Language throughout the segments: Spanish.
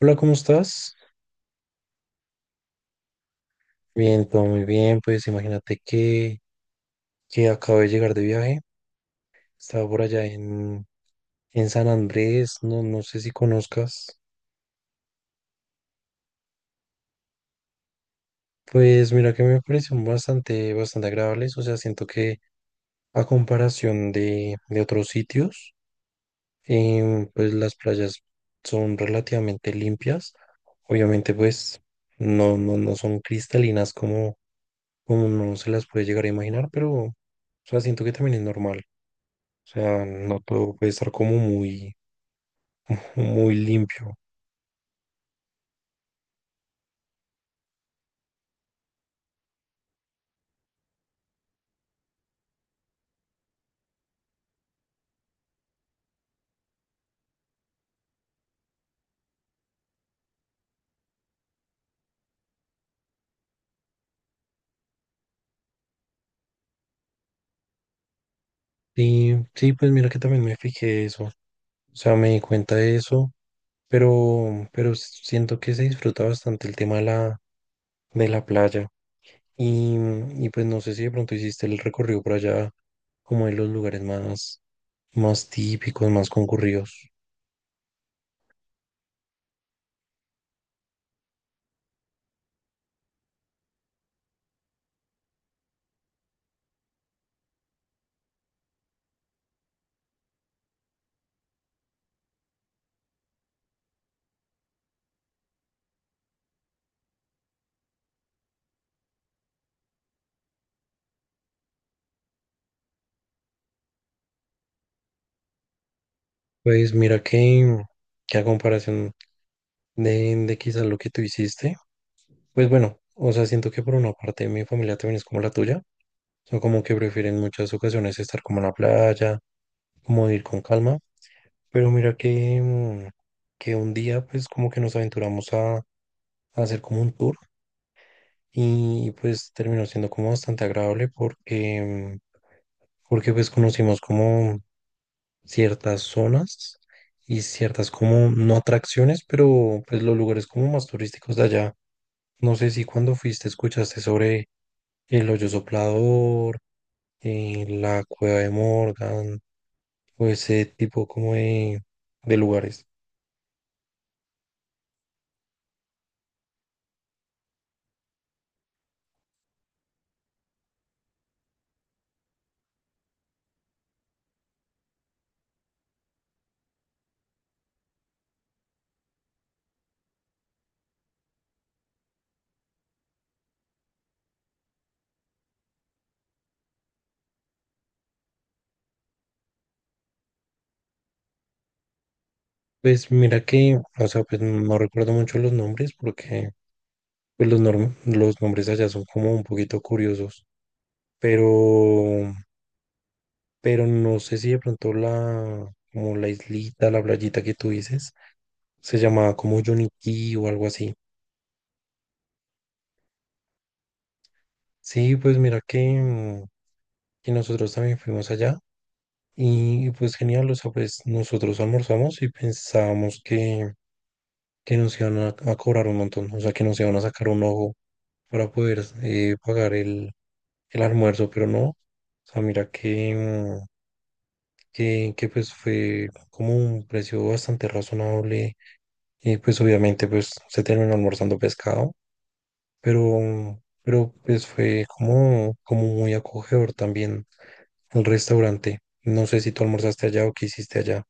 Hola, ¿cómo estás? Bien, todo muy bien. Pues imagínate que acabo de llegar de viaje. Estaba por allá en San Andrés, no, no sé si conozcas. Pues mira que me parecieron bastante, bastante agradables. O sea, siento que a comparación de otros sitios, pues las playas son relativamente limpias. Obviamente, pues no son cristalinas como, como uno se las puede llegar a imaginar, pero o sea, siento que también es normal. O sea, no todo puede estar como muy, muy limpio. Sí, sí, pues mira que también me fijé eso. O sea, me di cuenta de eso, pero siento que se disfruta bastante el tema de la playa. Y, y pues no sé si de pronto hiciste el recorrido por allá, como en los lugares más, más típicos, más concurridos. Pues mira que a comparación de quizás lo que tú hiciste, pues bueno, o sea, siento que por una parte mi familia también es como la tuya, son como que prefieren muchas ocasiones estar como en la playa, como ir con calma. Pero mira que, que un día pues como que nos aventuramos a hacer como un tour y pues terminó siendo como bastante agradable porque, porque pues conocimos como ciertas zonas y ciertas como no atracciones, pero pues los lugares como más turísticos de allá. No sé si cuando fuiste escuchaste sobre el hoyo soplador, la cueva de Morgan o ese tipo como de lugares. Pues mira que, o sea, pues no recuerdo mucho los nombres porque pues los nombres allá son como un poquito curiosos, pero, pero no sé si de pronto como la islita, la playita que tú dices, se llamaba como Yonití o algo así. Sí, pues mira que, que nosotros también fuimos allá. Y pues genial, o sea, pues nosotros almorzamos y pensábamos que nos iban a cobrar un montón, o sea, que nos iban a sacar un ojo para poder pagar el almuerzo, pero no, o sea, mira que, que pues fue como un precio bastante razonable y pues obviamente pues se terminó almorzando pescado, pero, pero pues fue como, como muy acogedor también el restaurante. No sé si tú almorzaste allá o qué hiciste allá.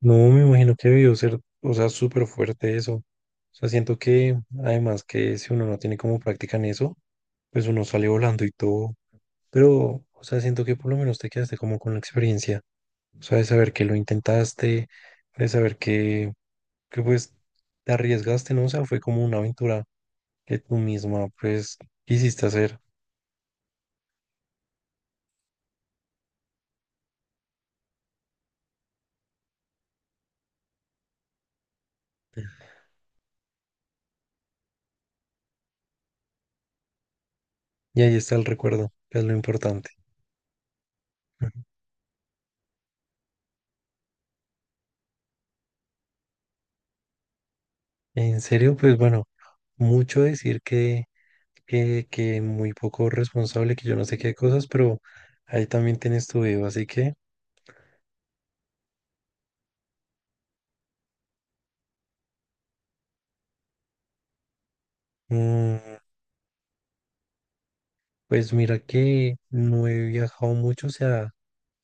No, me imagino que debió ser, o sea, súper fuerte eso. O sea, siento que además que si uno no tiene como práctica en eso, pues uno sale volando y todo. Pero, o sea, siento que por lo menos te quedaste como con la experiencia. O sea, de saber que lo intentaste, de saber que pues te arriesgaste, ¿no? O sea, fue como una aventura que tú misma pues quisiste hacer. Y ahí está el recuerdo, que es lo importante. En serio, pues bueno, mucho decir que, que muy poco responsable, que yo no sé qué cosas, pero ahí también tienes tu video. Así que, mm, pues mira que no he viajado mucho, o sea,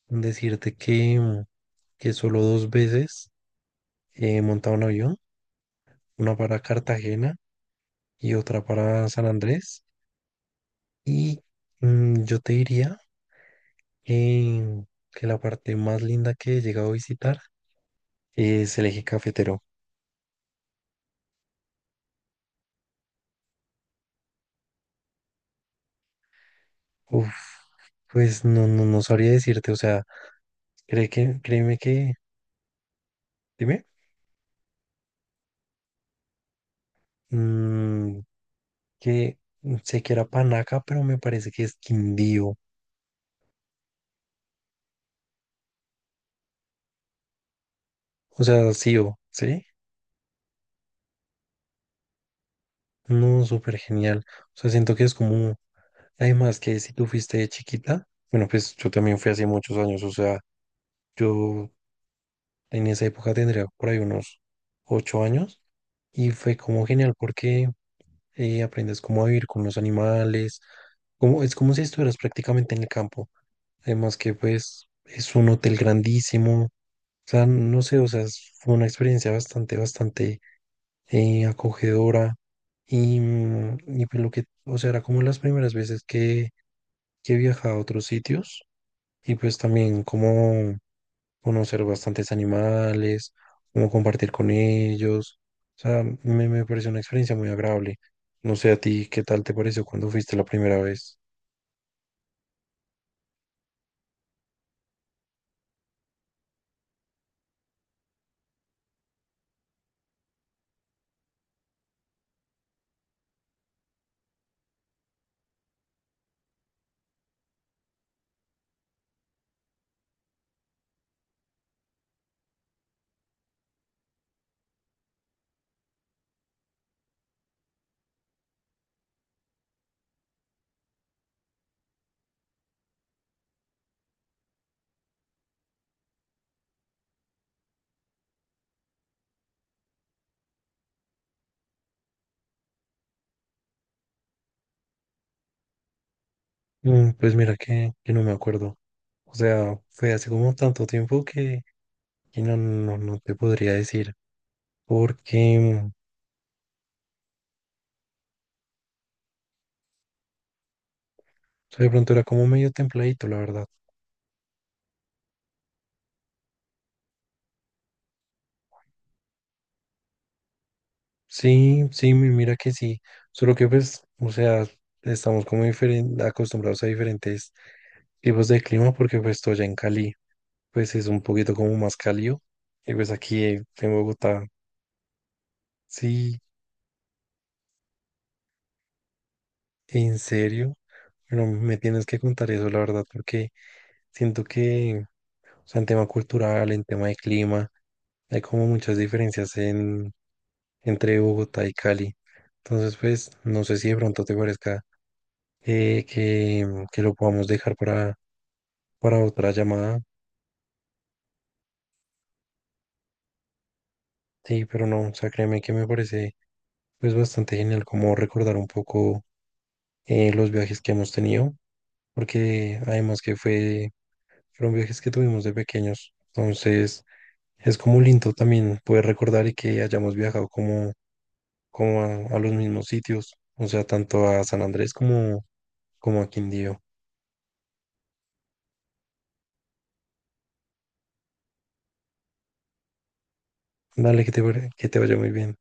decirte que, que solo dos veces he montado un avión, una para Cartagena y otra para San Andrés. Y yo te diría que, que la parte más linda que he llegado a visitar es el eje cafetero. Uf, pues no, no, no sabría decirte, o sea, cree que, créeme que, dime, mm, que sé que era Panaca, pero me parece que es Quindío, o sea, sí o, ¿sí? No, súper genial, o sea, siento que es como, además que si tú fuiste de chiquita, bueno, pues yo también fui hace muchos años, o sea, yo en esa época tendría por ahí unos 8 años, y fue como genial porque aprendes cómo a vivir con los animales, como, es como si estuvieras prácticamente en el campo. Además que pues es un hotel grandísimo, o sea, no sé, o sea, fue una experiencia bastante, bastante acogedora y, y pues lo que, o sea, era como las primeras veces que viajaba a otros sitios y pues también como conocer bastantes animales, como compartir con ellos. O sea, me pareció una experiencia muy agradable. No sé a ti, ¿qué tal te pareció cuando fuiste la primera vez? Mm, pues mira que no me acuerdo. O sea, fue hace como tanto tiempo que no, no, no te podría decir, porque o sea, de pronto era como medio templadito, la verdad. Sí, sí, mira que sí. Solo que pues, o sea, estamos como acostumbrados a diferentes tipos de clima porque pues estoy allá en Cali. Pues es un poquito como más cálido. Y pues aquí en Bogotá, sí, en serio, bueno, me tienes que contar eso, la verdad, porque siento que, o sea, en tema cultural, en tema de clima, hay como muchas diferencias en, entre Bogotá y Cali. Entonces, pues, no sé si de pronto te parezca eh, que, que lo podamos dejar para otra llamada. Sí, pero no, o sea, créeme que me parece pues bastante genial como recordar un poco los viajes que hemos tenido, porque además que fue, fueron viajes que tuvimos de pequeños, entonces es como lindo también poder recordar y que hayamos viajado como, como a los mismos sitios, o sea, tanto a San Andrés como, como a Quindío. Dale, que te vaya muy bien.